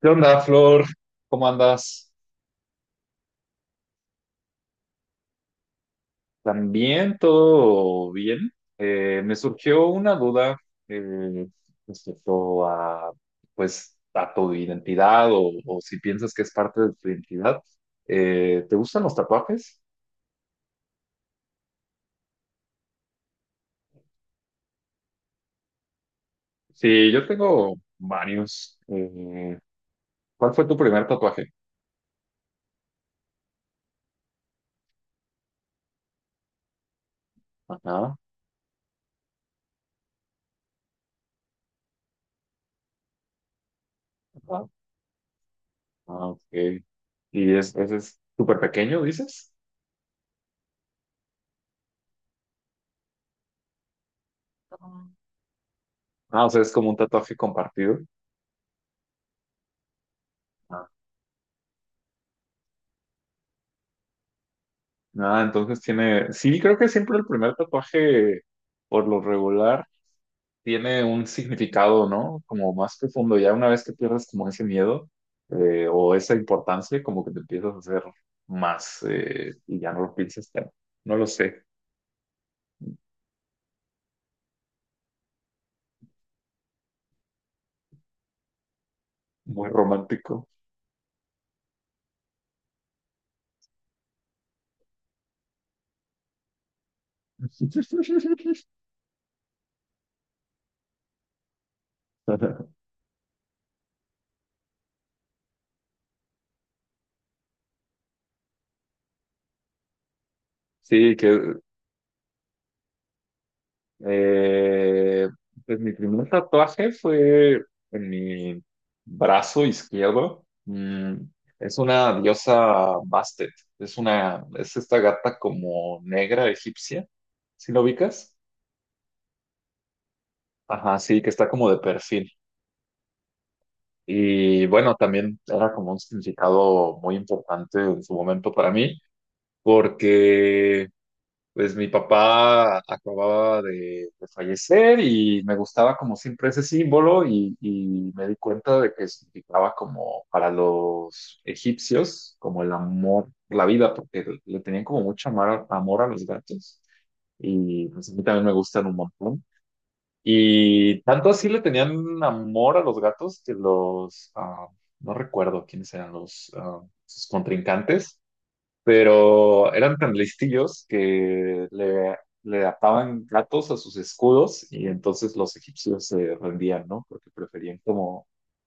¿Qué onda, Flor? ¿Cómo andas? ¿También todo bien? Me surgió una duda eh, respecto a, pues, a tu identidad o si piensas que es parte de tu identidad. ¿Te gustan los tatuajes? Sí, yo tengo varios. ¿Cuál fue tu primer tatuaje? Ajá, ajá. Ah, ok. ¿Y ese es súper pequeño, dices? Ah, o sea, es como un tatuaje compartido. Ah, entonces tiene, sí, creo que siempre el primer tatuaje, por lo regular, tiene un significado, ¿no? Como más profundo. Ya una vez que pierdes como ese miedo o esa importancia, como que te empiezas a hacer más y ya no lo piensas tanto. No lo sé, muy romántico. Sí, que Eh, pues mi primer tatuaje fue en mi brazo izquierdo. Es una diosa Bastet. Es esta gata como negra egipcia. ¿Sí lo ubicas? Ajá, sí, que está como de perfil. Y bueno, también era como un significado muy importante en su momento para mí, porque pues mi papá acababa de fallecer y me gustaba como siempre ese símbolo y me di cuenta de que significaba como para los egipcios, como el amor, la vida, porque le tenían como mucho amor, amor a los gatos y pues a mí también me gustan un montón. Y tanto así le tenían amor a los gatos que no recuerdo quiénes eran sus contrincantes, pero eran tan listillos que le ataban gatos a sus escudos y entonces los egipcios se rendían, ¿no? Porque preferían como,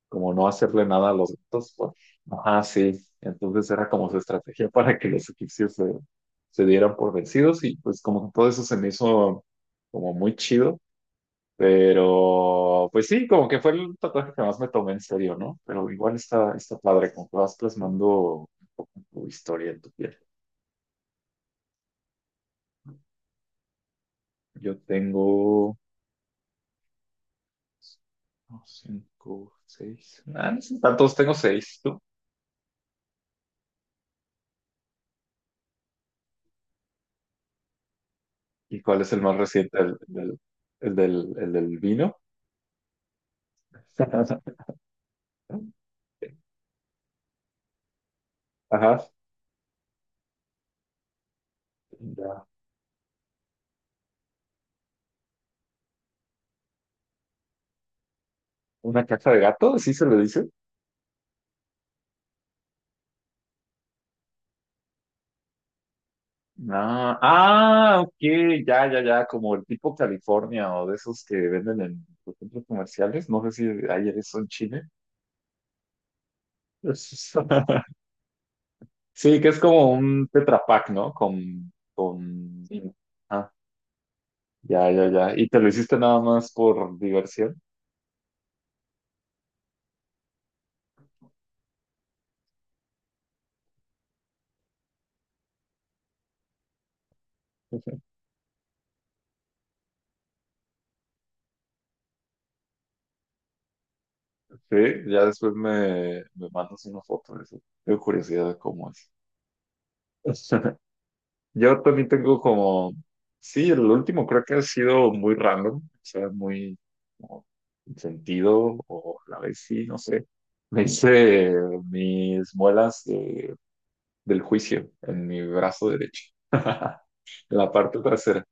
como no hacerle nada a los gatos, pues. Ajá, sí. Entonces era como su estrategia para que los egipcios se dieran por vencidos y pues como que todo eso se me hizo como muy chido. Pero, pues sí, como que fue el tatuaje que más me tomé en serio, ¿no? Pero igual está padre, como que vas plasmando un poco tu historia en tu piel. Yo tengo no, cinco, seis. Ah, no son tantos, tengo seis. ¿Tú? ¿Y cuál es el más reciente? ¿El del vino? Ajá. Ya. ¿Una caja de gato? ¿Sí se le dice? Ah, ah, ok, ya, ya, ya, como el tipo California o de esos que venden en los centros comerciales, no sé si hay eso en Chile. Sí, que es como un Tetra Pak, ¿no? Sí. Ya, ya, ya. ¿Y te lo hiciste nada más por diversión? Sí, ya después me mandas una foto de eso. Tengo curiosidad de cómo es. Yo también tengo como, sí, el último creo que ha sido muy random, o sea, muy como, sin sentido, o a la vez sí, no sé. Me hice mis muelas del juicio en mi brazo derecho, en la parte trasera.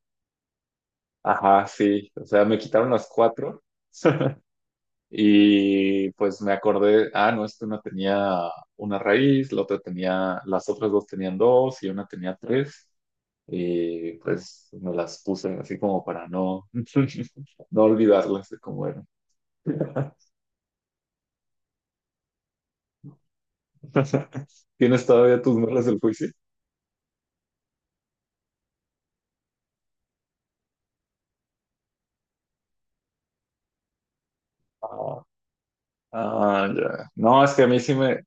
Ajá, sí, o sea, me quitaron las cuatro. Y pues me acordé, no, es una tenía una raíz, la otra tenía, las otras dos tenían dos y una tenía tres. Y pues me las puse así como para no, no olvidarlas de cómo eran. ¿Tienes todavía tus muelas del juicio? Ah, ah, ya. No, es que a mí sí me,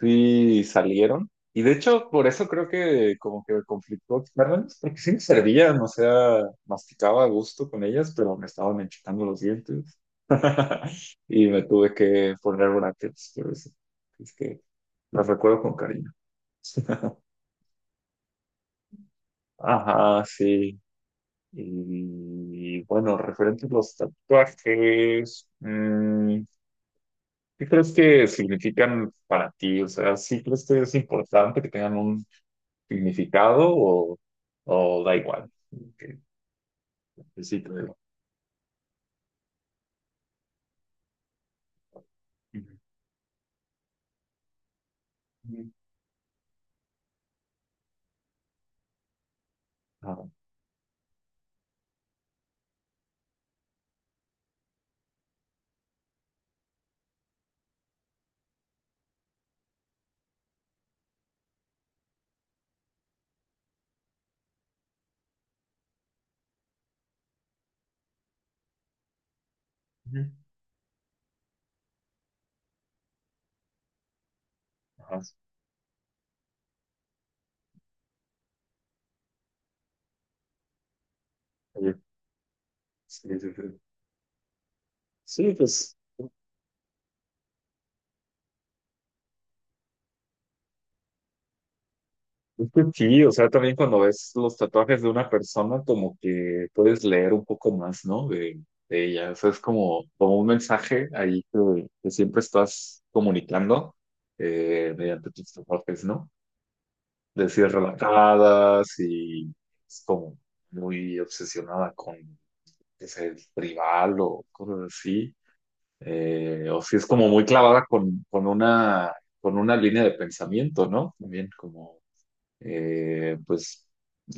sí salieron. Y de hecho, por eso creo que como que me conflictó externamente, porque sí me servían, o sea, masticaba a gusto con ellas, pero me estaban enchocando los dientes. Y me tuve que poner brackets, pero eso. Es que las recuerdo con cariño. Ajá, sí. Y bueno, referente a los tatuajes, ¿qué crees que significan para ti? O sea, ¿sí crees que es importante que tengan un significado o da igual? Que necesito de- Ajá. Ajá. Sí, oye, sí, sí, sí. Sí, pues es que sí, o sea, también cuando ves los tatuajes de una persona, como que puedes leer un poco más, ¿no? De ella. O sea, es como, como un mensaje ahí que siempre estás comunicando mediante tus tatuajes, ¿no? De si es relajada, si es como muy obsesionada con que sea el rival o cosas así, o si es como muy clavada con una línea de pensamiento, ¿no? También como, pues,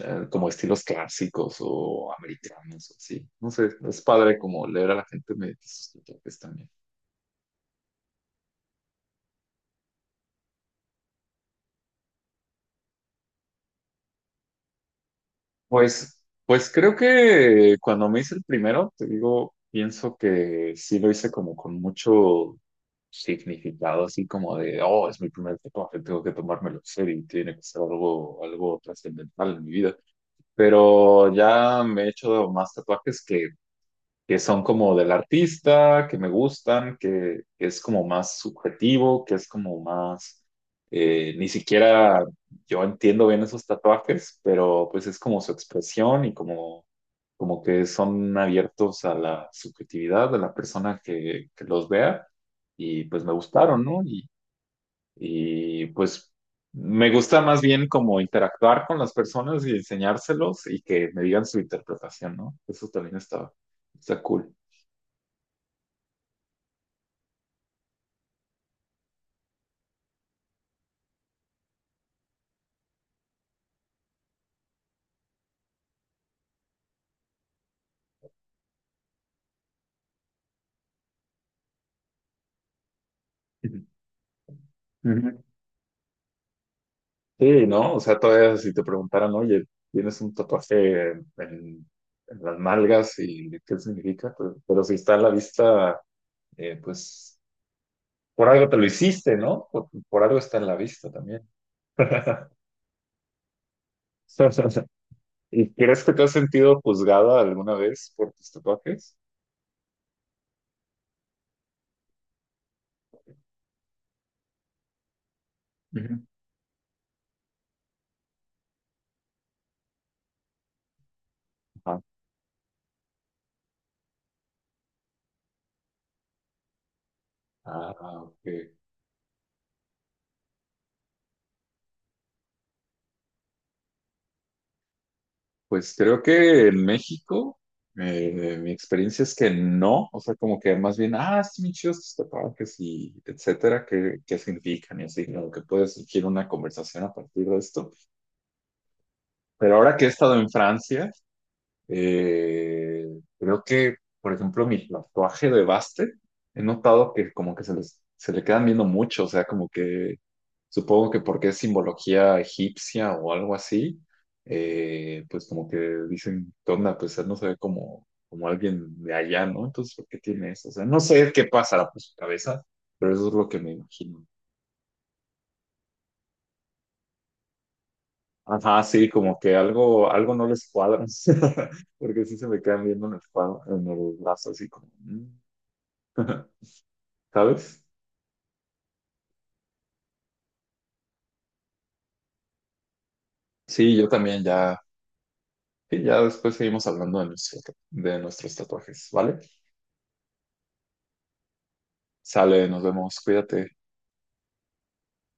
como estilos clásicos o americanos, o así. No sé, es padre como leer a la gente mediante sus propios también. Pues, pues creo que cuando me hice el primero, te digo, pienso que sí lo hice como con mucho significado, así como de, oh, es mi primer tatuaje, tengo que tomármelo en serio y tiene que ser algo, algo trascendental en mi vida. Pero ya me he hecho más tatuajes que son como del artista, que me gustan, que es como más subjetivo, que es como más, ni siquiera yo entiendo bien esos tatuajes, pero pues es como su expresión y como que son abiertos a la subjetividad de la persona que los vea y pues me gustaron, ¿no? Y pues me gusta más bien como interactuar con las personas y enseñárselos y que me digan su interpretación, ¿no? Eso también está cool. Ujú. Sí, ¿no? O sea, todavía si te preguntaran, oye, tienes un tatuaje en las nalgas y qué significa, pues, pero si está a la vista, pues por algo te lo hiciste, ¿no? Por algo está en la vista también. ¿Y crees que te has sentido juzgada alguna vez por tus tatuajes? Ujú. Ajá. Ah, ok. Pues creo que en México, mi experiencia es que no, o sea, como que más bien, ah, sí, bien chidos tus tatuajes y etcétera, qué significan y así, como que puede surgir una conversación a partir de esto. Pero ahora que he estado en Francia, eh, creo que, por ejemplo, mi tatuaje de Baste, he notado que como que se le quedan viendo mucho, o sea, como que supongo que porque es simbología egipcia o algo así, pues como que dicen, ¿qué onda? Pues él no se ve como, como alguien de allá, ¿no? Entonces, ¿por qué tiene eso? O sea, no sé qué pasará por su cabeza, pero eso es lo que me imagino. Ajá, sí, como que algo, algo no les cuadra, porque sí se me quedan viendo en el brazo, así como, ¿sabes? Sí, yo también ya, y ya después seguimos hablando de nuestros tatuajes, ¿vale? Sale, nos vemos, cuídate.